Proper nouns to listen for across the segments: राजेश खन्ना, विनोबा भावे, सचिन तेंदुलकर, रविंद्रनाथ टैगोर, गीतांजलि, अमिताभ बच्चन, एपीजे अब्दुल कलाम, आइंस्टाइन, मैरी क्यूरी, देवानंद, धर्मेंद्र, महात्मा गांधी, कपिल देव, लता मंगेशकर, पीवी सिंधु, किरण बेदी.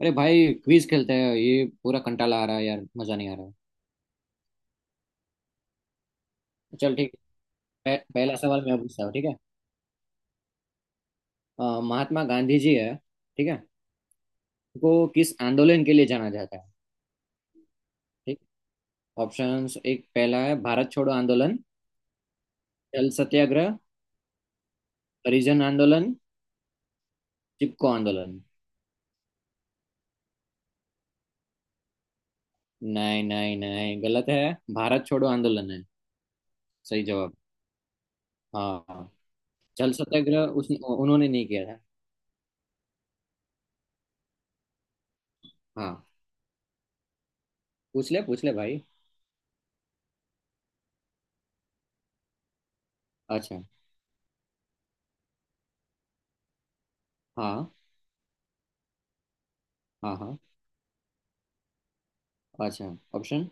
अरे भाई क्विज खेलते हैं। ये पूरा कंटाला आ रहा है यार, मजा नहीं आ रहा है। चल ठीक है। पहला सवाल मैं पूछता हूँ, ठीक है। महात्मा गांधी जी है, ठीक है। उनको किस आंदोलन के लिए जाना जाता है? ठीक। ऑप्शंस, एक पहला है भारत छोड़ो आंदोलन, जल सत्याग्रह, हरिजन आंदोलन, चिपको आंदोलन। नहीं नहीं नहीं, गलत है। भारत छोड़ो आंदोलन है सही जवाब। हाँ, जल सत्याग्रह उस, उन्होंने नहीं किया था। हाँ, पूछ ले भाई। अच्छा। हाँ हाँ। हाँ। अच्छा। ऑप्शन।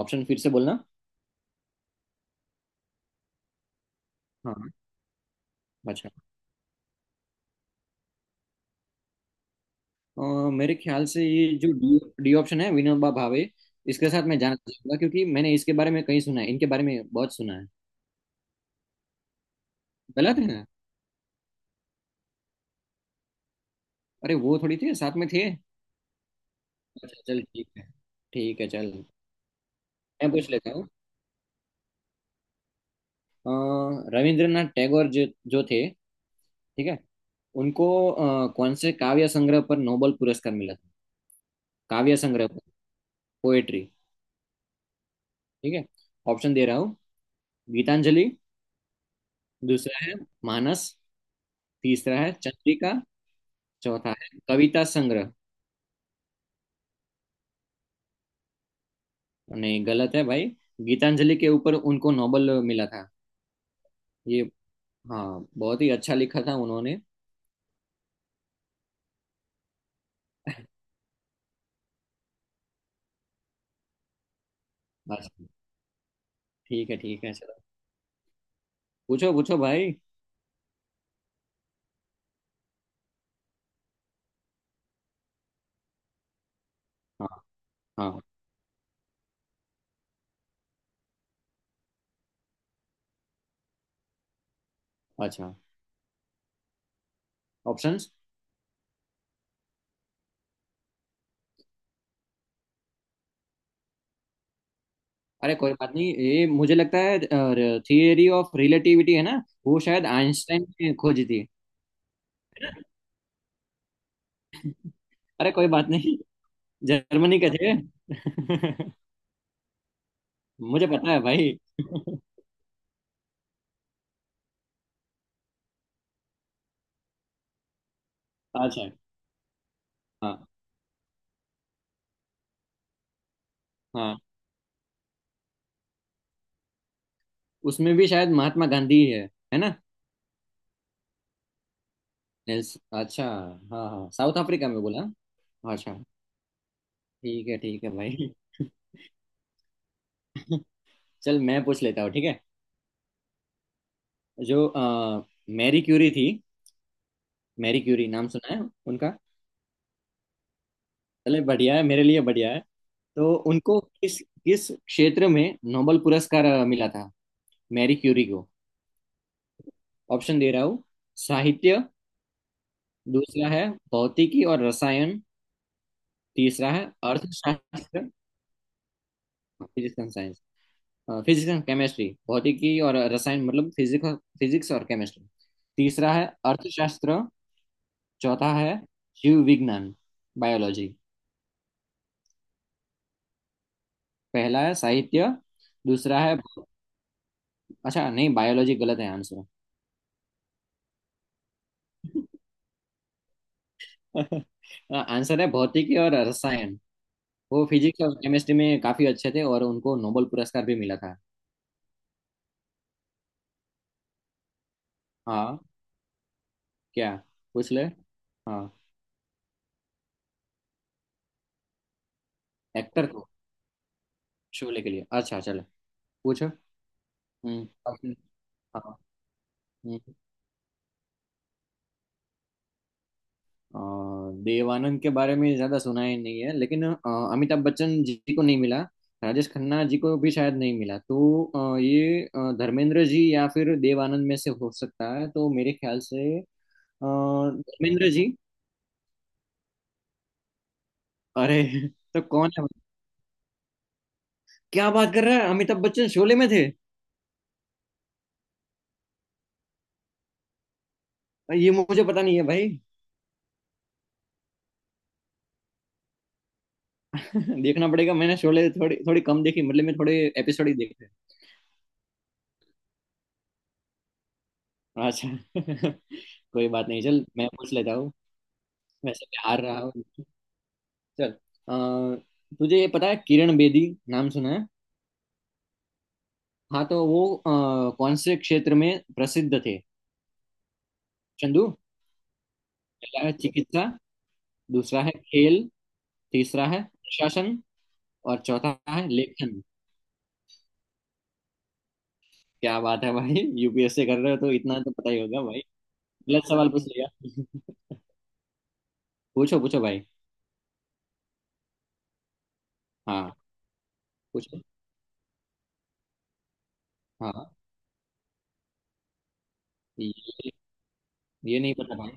ऑप्शन फिर से बोलना। हाँ। अच्छा। अ, मेरे ख्याल से ये जो डी डी ऑप्शन है विनोबा भावे, इसके साथ मैं जाना चाहूंगा, क्योंकि मैंने इसके बारे में कहीं सुना है, इनके बारे में बहुत सुना है। गलत है। अरे वो थोड़ी थे, साथ में थे। अच्छा चल ठीक है। ठीक है चल। मैं पूछ लेता हूँ। अ, रविंद्रनाथ टैगोर जो जो थे, ठीक है। उनको कौन से काव्य संग्रह पर नोबेल पुरस्कार मिला था? काव्य संग्रह पर, पोएट्री, ठीक है। ऑप्शन दे रहा हूँ। गीतांजलि। दूसरा है मानस। तीसरा है चंद्रिका। चौथा है कविता संग्रह। नहीं, गलत है भाई। गीतांजलि के ऊपर उनको नोबेल मिला था ये। हाँ, बहुत ही अच्छा लिखा था उन्होंने। बस। ठीक है चलो। पूछो पूछो भाई। हाँ। हाँ। अच्छा। ऑप्शंस। अरे कोई बात नहीं, ये मुझे लगता है थियरी ऑफ रिलेटिविटी है ना, वो शायद आइंस्टाइन ने खोजी थी। अरे कोई बात नहीं। जर्मनी के थे मुझे पता है भाई। अच्छा। हाँ हाँ। उसमें भी शायद महात्मा गांधी है ना? नेल्स अच्छा। हाँ हाँ, साउथ अफ्रीका में बोला। हाँ, अच्छा। ठीक है भाई। चल मैं पूछ लेता हूँ, ठीक है। जो मैरी क्यूरी थी, मैरी क्यूरी नाम सुना है उनका? चले, बढ़िया है, मेरे लिए बढ़िया है। तो उनको किस किस क्षेत्र में नोबेल पुरस्कार मिला था, मैरी क्यूरी को? ऑप्शन दे रहा हूँ। साहित्य। दूसरा है भौतिकी और रसायन। तीसरा है अर्थशास्त्र। Physics and science, physics and chemistry, भौतिकी और रसायन, मतलब फिजिक्स, फिजिक्स और केमिस्ट्री। तीसरा है अर्थशास्त्र। चौथा है जीव विज्ञान, बायोलॉजी। पहला है साहित्य। दूसरा है, अच्छा नहीं, बायोलॉजी गलत है आंसर। आंसर है भौतिकी और रसायन। वो फिजिक्स और केमिस्ट्री में काफी अच्छे थे और उनको नोबेल पुरस्कार भी मिला था। हाँ। क्या? पूछ ले। हाँ, एक्टर को शोले के लिए? अच्छा चलो पूछो। हम्म, okay. हाँ। हम्म। अ, देवानंद के बारे में ज्यादा सुना ही नहीं है, लेकिन अमिताभ बच्चन जी को नहीं मिला, राजेश खन्ना जी को भी शायद नहीं मिला, तो ये धर्मेंद्र जी या फिर देवानंद में से हो सकता है, तो मेरे ख्याल से धर्मेंद्र जी। अरे, तो कौन है? क्या बात कर रहा है, अमिताभ बच्चन शोले में थे? ये मुझे पता नहीं है भाई। देखना पड़ेगा, मैंने शोले थोड़ी थोड़ी कम देखी, मतलब मैं थोड़े एपिसोड ही देखे। अच्छा। कोई बात नहीं, चल मैं पूछ लेता हूँ। वैसे मैं हार रहा हूँ। चल। अ, तुझे ये पता है किरण बेदी नाम सुना है? हाँ, तो वो कौन से क्षेत्र में प्रसिद्ध थे? चंदू। पहला है चिकित्सा। दूसरा है खेल। तीसरा है प्रशासन। और चौथा है लेखन। क्या बात है भाई, यूपीएससी कर रहे हो, तो इतना तो पता ही होगा भाई। गलत सवाल पूछ लिया। पूछो पूछो भाई। हाँ पूछो। हाँ। ये। ये नहीं पता भाई।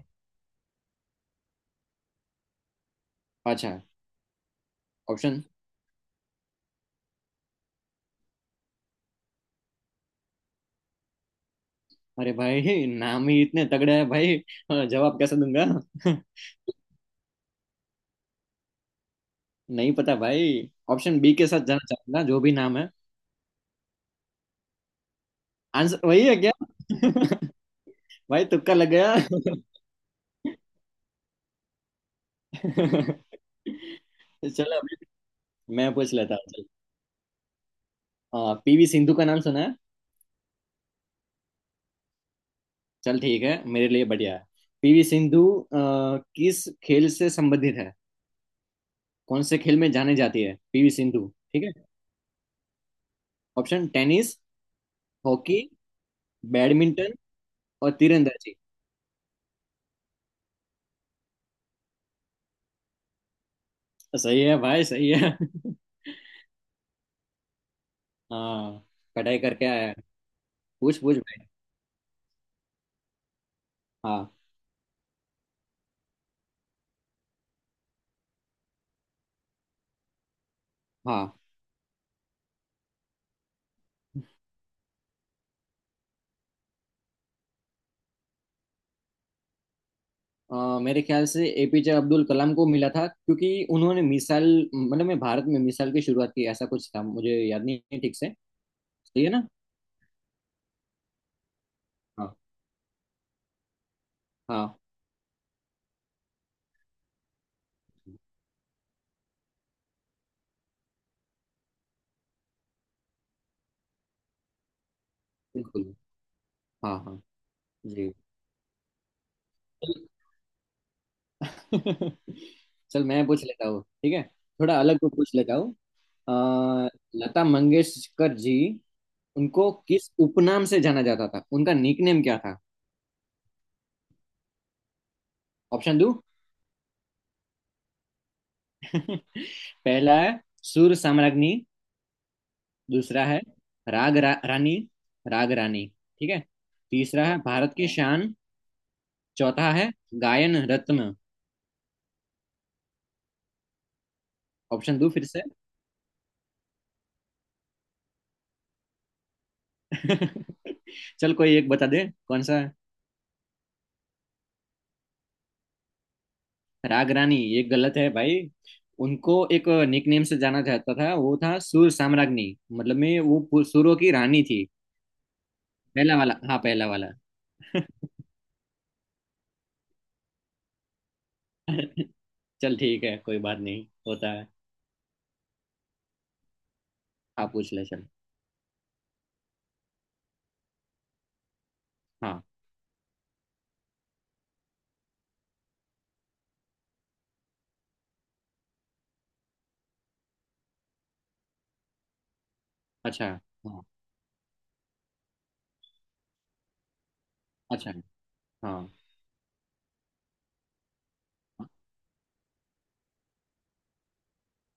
अच्छा। ऑप्शन। अरे भाई नाम ही इतने तगड़े हैं भाई। हाँ, जवाब कैसे दूंगा? नहीं पता भाई, ऑप्शन बी के साथ जाना चाहूंगा, जो भी नाम है। आंसर वही है क्या? भाई तुक्का लग गया। चलो। अभी। मैं पूछ लेता हूँ चल। पीवी सिंधु का नाम सुना है? चल ठीक है, मेरे लिए बढ़िया है। पीवी सिंधु अ, किस खेल से संबंधित है, कौन से खेल में जाने जाती है पीवी सिंधु? ठीक है। ऑप्शन टेनिस, हॉकी, बैडमिंटन, और तीरंदाजी। सही है भाई सही है। हाँ, पढ़ाई करके आया है। पूछ पूछ भाई। हाँ। हाँ। मेरे ख्याल से एपीजे अब्दुल कलाम को मिला था, क्योंकि उन्होंने मिसाल, मतलब मैं भारत में मिसाल की शुरुआत की, ऐसा कुछ था, मुझे याद नहीं है ठीक से। सही है ना? हाँ। हाँ बिल्कुल। हाँ हाँ। जी। चल मैं पूछ लेता हूँ, ठीक है। थोड़ा अलग को पूछ लेता हूँ। अ, लता मंगेशकर जी, उनको किस उपनाम से जाना जाता था, उनका निकनेम क्या था? ऑप्शन दो। पहला है सुर साम्राज्ञी। दूसरा है रानी, राग रानी, ठीक है। तीसरा है भारत की है शान। चौथा है गायन रत्न। ऑप्शन दो फिर से। चल कोई एक बता दे, कौन सा है? राग रानी, ये गलत है भाई। उनको एक निकनेम से जाना जाता था, वो था सुर साम्राज्ञी, मतलब में वो सुरों की रानी थी। पहला वाला, हाँ पहला वाला। चल ठीक है, कोई बात नहीं, होता है। हाँ पूछ ले चल। हाँ। अच्छा। हाँ। अच्छा। हाँ,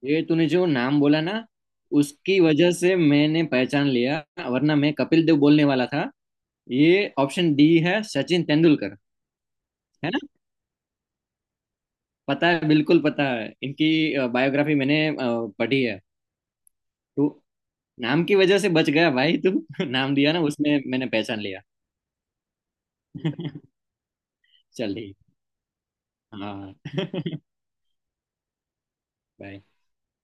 ये तूने जो नाम बोला ना, उसकी वजह से मैंने पहचान लिया, वरना मैं कपिल देव बोलने वाला था। ये ऑप्शन डी है, सचिन तेंदुलकर, है ना? पता है, बिल्कुल पता है, इनकी बायोग्राफी मैंने पढ़ी है। तो नाम की वजह से बच गया भाई तू। नाम दिया ना उसमें, मैंने पहचान लिया। चल ठीक। हाँ। बाय।